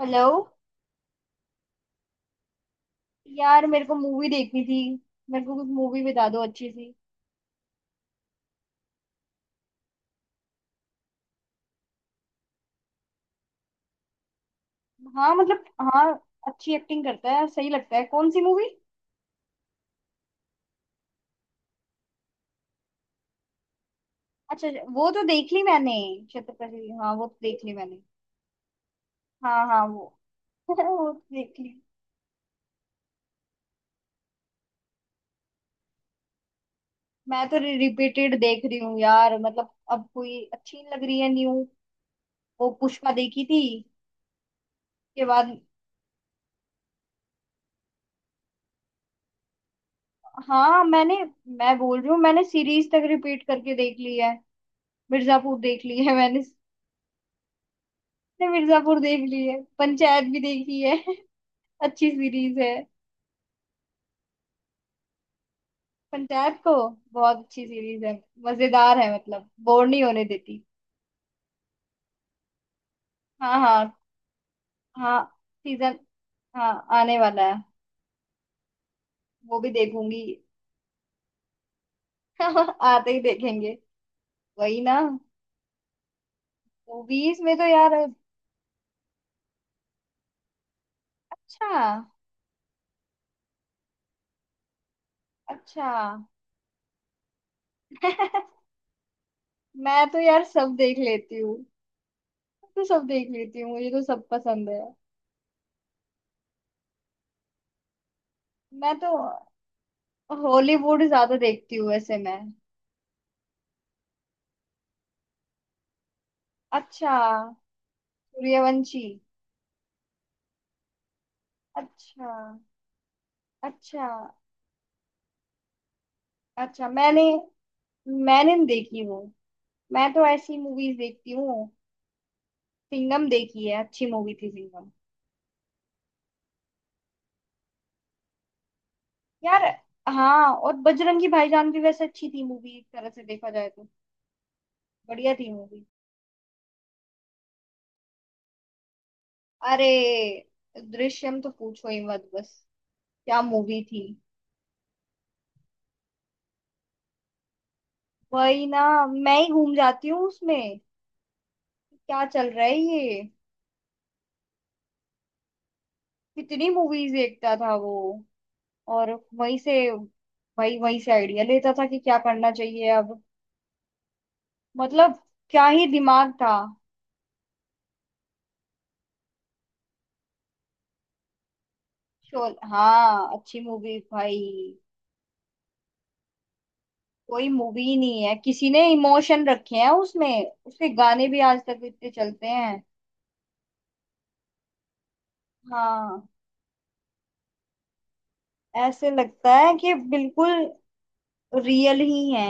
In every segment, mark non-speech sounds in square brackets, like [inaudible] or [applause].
Hello. यार मेरे को मूवी देखनी थी। मेरे को कुछ मूवी बता दो अच्छी सी। हाँ, मतलब हाँ। अच्छी एक्टिंग करता है, सही लगता है। कौन सी मूवी? अच्छा अच्छा, वो तो देख ली मैंने। छत्रपति, हाँ वो तो देख ली मैंने। हाँ हाँ, वो [laughs] वो तो देख ली। मैं तो रिपीटेड देख रही हूँ यार, मतलब अब कोई अच्छी नहीं लग रही है न्यू। वो पुष्पा देखी थी के बाद। हाँ मैंने, मैं बोल रही हूँ, मैंने सीरीज तक रिपीट करके देख ली है। मिर्जापुर देख ली है, मैंने ने मिर्जापुर देख ली है, पंचायत भी देखी है [laughs] अच्छी सीरीज है। पंचायत को बहुत अच्छी सीरीज है, मजेदार है, मतलब बोर नहीं होने देती। हाँ हाँ हाँ। सीजन हाँ आने वाला है। वो भी देखूंगी। [laughs] आते ही देखेंगे। वही ना, मूवीज में तो यार। अच्छा। अच्छा। [laughs] मैं तो यार सब देख लेती हूँ। मैं तो सब देख लेती हूँ, मुझे तो सब पसंद है। मैं तो हॉलीवुड ज्यादा देखती हूँ वैसे मैं। अच्छा। सूर्यवंशी। अच्छा। अच्छा। अच्छा, मैंने मैंने नहीं देखी वो। मैं तो ऐसी मूवीज देखती हूँ। सिंघम देखी है, अच्छी मूवी थी सिंघम। यार, हाँ, और बजरंगी भाईजान भी वैसे अच्छी थी मूवी, एक तरह से देखा जाए तो। बढ़िया थी मूवी। अरे, दृश्यम तो पूछो ही मत बस। क्या मूवी थी! वही ना, मैं ही घूम जाती हूँ उसमें। क्या चल रहा है ये, कितनी मूवीज देखता था वो! और वहीं से, वहीं से आइडिया लेता था कि क्या करना चाहिए अब। मतलब क्या ही दिमाग था। शोल हाँ, अच्छी मूवी भाई। कोई मूवी नहीं है, किसी ने इमोशन रखे हैं उसमें, उसके गाने भी आज तक इतने चलते हैं। हाँ, ऐसे लगता है कि बिल्कुल रियल ही है।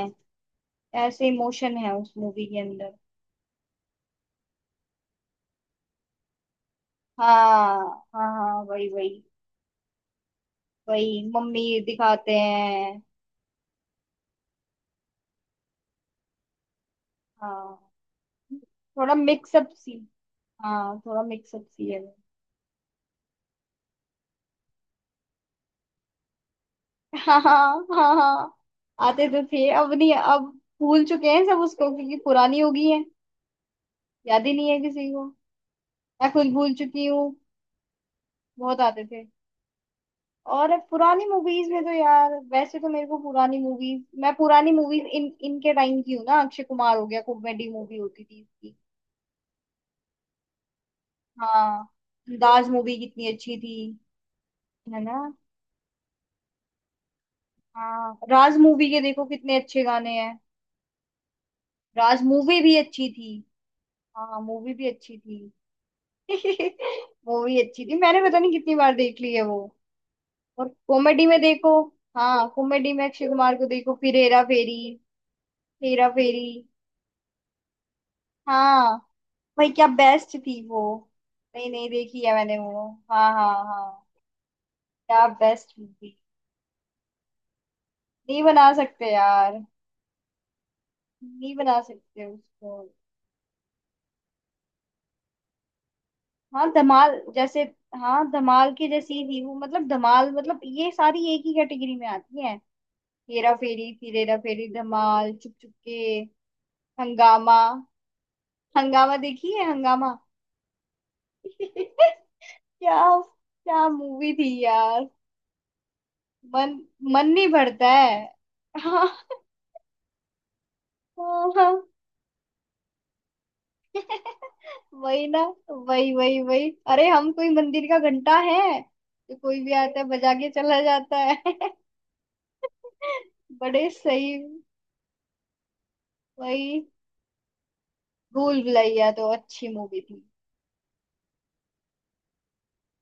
ऐसे इमोशन है उस मूवी के अंदर। हाँ हाँ। हाँ, वही वही वही मम्मी दिखाते हैं। हाँ थोड़ा मिक्सअप सी, हाँ थोड़ा मिक्सअप सी है। हाँ हाँ हाँ हाँ। आते तो थे, अब नहीं। अब भूल चुके हैं सब उसको, क्योंकि पुरानी हो गई है। याद ही नहीं है किसी को। मैं खुद भूल चुकी हूँ। बहुत आते थे। और पुरानी मूवीज में तो यार, वैसे तो मेरे को पुरानी मूवीज, मैं पुरानी मूवीज इन इनके टाइम की हूँ ना। अक्षय कुमार हो गया, कॉमेडी मूवी होती थी इसकी। हाँ, दाज मूवी कितनी अच्छी थी। है ना! हाँ, राज मूवी के देखो कितने अच्छे गाने हैं। राज मूवी भी अच्छी थी। हाँ, मूवी भी अच्छी थी, मूवी अच्छी थी, मैंने पता नहीं कितनी बार देख ली है वो। और कॉमेडी में देखो, हाँ कॉमेडी में अक्षय कुमार को देखो, फिर हेरा फेरी। हेरा फेरी। हाँ भाई, क्या बेस्ट थी वो! नहीं, नहीं देखी है मैंने वो। हाँ हाँ हाँ। क्या बेस्ट मूवी! नहीं बना सकते यार, नहीं बना सकते उसको। हाँ धमाल जैसे, हाँ धमाल की जैसी ही थी वो। मतलब धमाल, मतलब ये सारी एक ही कैटेगरी में आती है। हेरा फेरी, फिर हेरा फेरी, धमाल, चुप चुप के, हंगामा। हंगामा देखी है, हंगामा [laughs] क्या, क्या मूवी थी यार! मन मन नहीं भरता है। हाँ हाँ हाँ। [laughs] वही ना। वही वही वही, अरे हम कोई मंदिर का घंटा है तो कोई भी आता है बजा के चला जाता है। [laughs] बड़े सही। वही। भूल भुलैया तो अच्छी मूवी थी।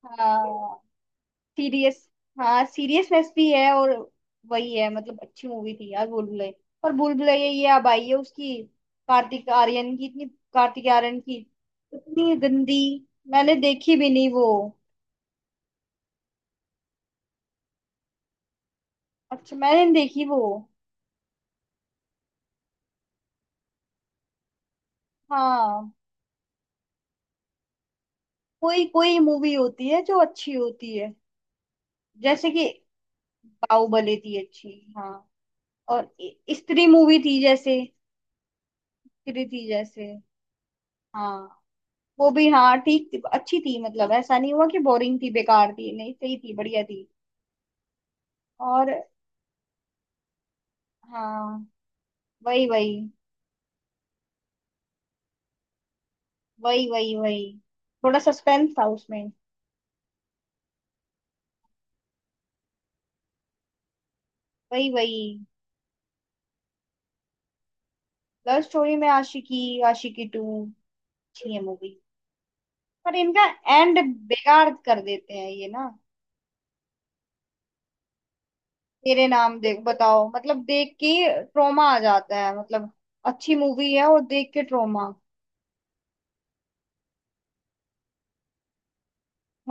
हाँ, सीरियस, हाँ सीरियसनेस भी है। और वही है, मतलब अच्छी मूवी थी यार भूलभुलैया। पर भूलभुलैया, ये अब आई है उसकी, कार्तिक आर्यन की, कार्तिक आर्यन की इतनी गंदी। मैंने देखी भी नहीं वो। अच्छा, मैंने नहीं देखी वो। हाँ। कोई कोई मूवी होती है जो अच्छी होती है। जैसे कि बाहुबली थी अच्छी। हाँ, और स्त्री मूवी थी जैसे, स्त्री थी जैसे। हाँ, वो भी हाँ ठीक थी, अच्छी थी। मतलब ऐसा नहीं हुआ कि बोरिंग थी, बेकार थी, नहीं, सही थी, बढ़िया थी। और हाँ, वही वही वही वही वही। थोड़ा सस्पेंस था उसमें। वही वही। लव स्टोरी में आशिकी, आशिकी टू अच्छी है मूवी। पर इनका एंड बेकार कर देते हैं ये ना। तेरे नाम देख बताओ, मतलब देख के ट्रोमा आ जाता है, मतलब अच्छी मूवी है और देख के ट्रोमा।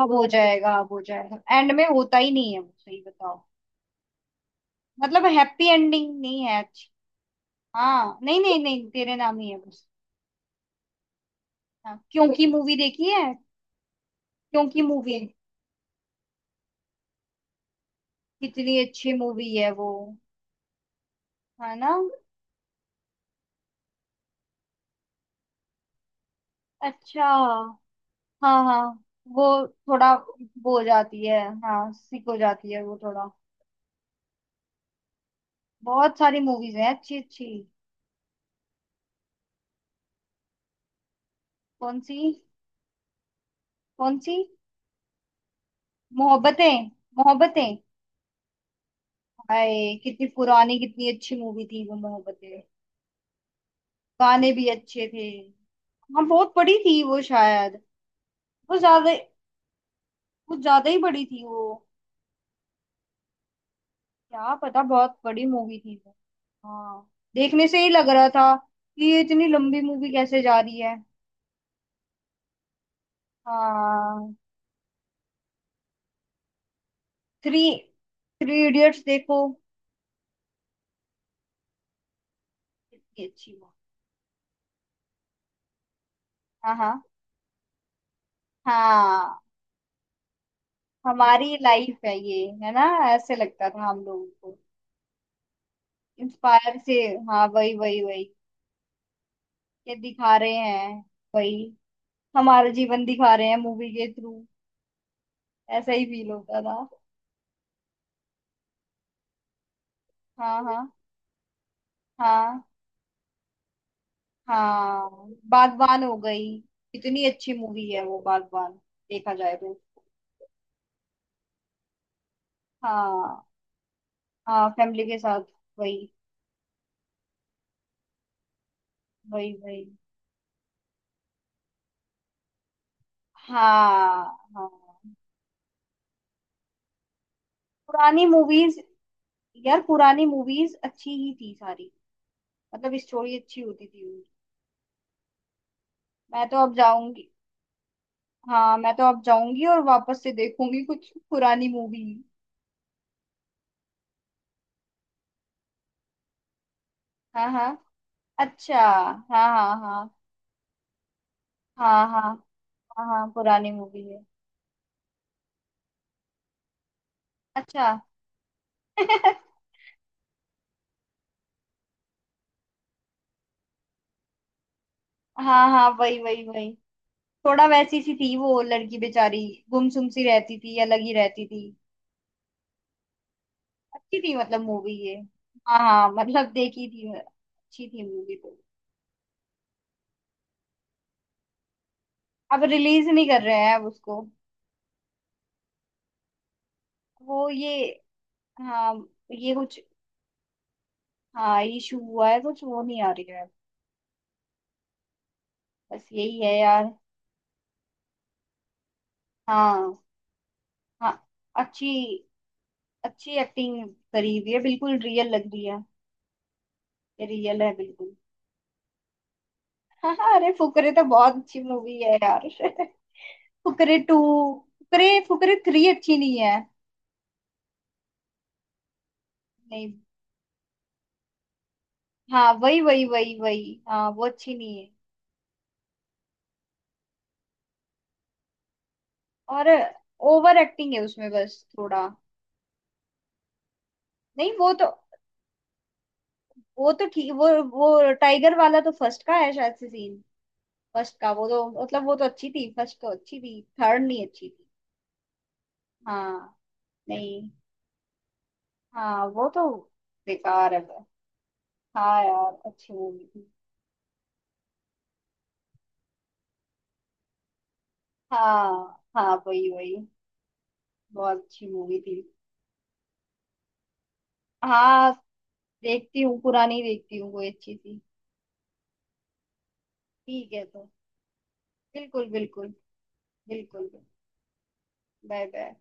अब हो जाएगा, अब हो जाएगा, एंड में होता ही नहीं है वो, सही बताओ। मतलब हैप्पी एंडिंग नहीं है अच्छी। हाँ, नहीं नहीं नहीं, तेरे नाम ही है बस। हाँ, क्योंकि मूवी देखी है, क्योंकि मूवी कितनी अच्छी मूवी है वो। है ना! अच्छा। हाँ हाँ, वो थोड़ा वो हो जाती है। हाँ, सिक हो जाती है वो थोड़ा। बहुत सारी मूवीज हैं अच्छी अच्छी। कौन सी? कौन सी? मोहब्बतें। मोहब्बतें! हाय, कितनी पुरानी, कितनी अच्छी मूवी थी वो मोहब्बतें। गाने भी अच्छे थे। हाँ, बहुत बड़ी थी वो शायद। वो ज्यादा वो ज्यादा ही बड़ी थी वो। क्या पता, बहुत बड़ी मूवी थी वो। हाँ, देखने से ही लग रहा था कि ये इतनी लंबी मूवी कैसे जा रही है। हाँ, थ्री थ्री इडियट्स देखो, कितनी अच्छी मूवी। हाँ हाँ। हाँ, हमारी लाइफ है ये, है ना। ऐसे लगता था हम लोगों को। इंस्पायर से, हाँ वही वही वही। ये दिखा रहे हैं, वही, हमारा जीवन दिखा रहे हैं मूवी के थ्रू। ऐसा ही फील होता था। हाँ हाँ हाँ हाँ। बागवान हो गई। कितनी अच्छी मूवी है वो बागवान, देखा जाए तो। हाँ, हाँ फैमिली के साथ। वही वही वही। हाँ हाँ। पुरानी मूवीज यार, पुरानी मूवीज अच्छी ही थी सारी। मतलब स्टोरी अच्छी होती थी उनकी। मैं तो अब जाऊंगी, हाँ मैं तो अब जाऊंगी और वापस से देखूंगी कुछ पुरानी मूवी। हाँ हाँ। अच्छा। हाँ हाँ हाँ। हाँ हाँ हाँ हाँ। पुरानी मूवी है। अच्छा। [laughs] हाँ हाँ, वही वही वही। थोड़ा वैसी सी थी वो लड़की बेचारी, गुमसुम सी रहती थी, अलग ही रहती थी। अच्छी थी, मतलब मूवी ये। हाँ हाँ, मतलब देखी थी मैं। अच्छी थी मूवी तो। अब रिलीज नहीं कर रहे हैं अब उसको। वो ये, हाँ, ये कुछ, हाँ, इशू हुआ है कुछ, वो नहीं आ रही है। बस यही है यार। हाँ। हाँ, अच्छी, अच्छी एक्टिंग करी हुई है, बिल्कुल रियल लग रही है। रियल है बिल्कुल। [laughs] हाँ, अरे फुकरे तो बहुत अच्छी मूवी है यार [laughs] फुकरे टू, फुकरे, फुकरे थ्री अच्छी नहीं है। नहीं। हाँ वही वही वही वही, हाँ वो अच्छी नहीं है। और ओवर एक्टिंग है उसमें बस थोड़ा। नहीं, वो तो, ठीक वो टाइगर वाला तो फर्स्ट का है शायद से, सीन फर्स्ट का। वो तो मतलब वो तो अच्छी थी, फर्स्ट तो अच्छी थी, थर्ड नहीं अच्छी थी। हाँ, नहीं, हाँ वो तो बेकार है बस। हाँ यार, अच्छी मूवी थी। हाँ हाँ, वही वही, बहुत अच्छी मूवी थी। हाँ, देखती हूँ, पुरानी देखती हूँ कोई अच्छी सी। ठीक है तो। बिल्कुल बिल्कुल बिल्कुल। Bye bye.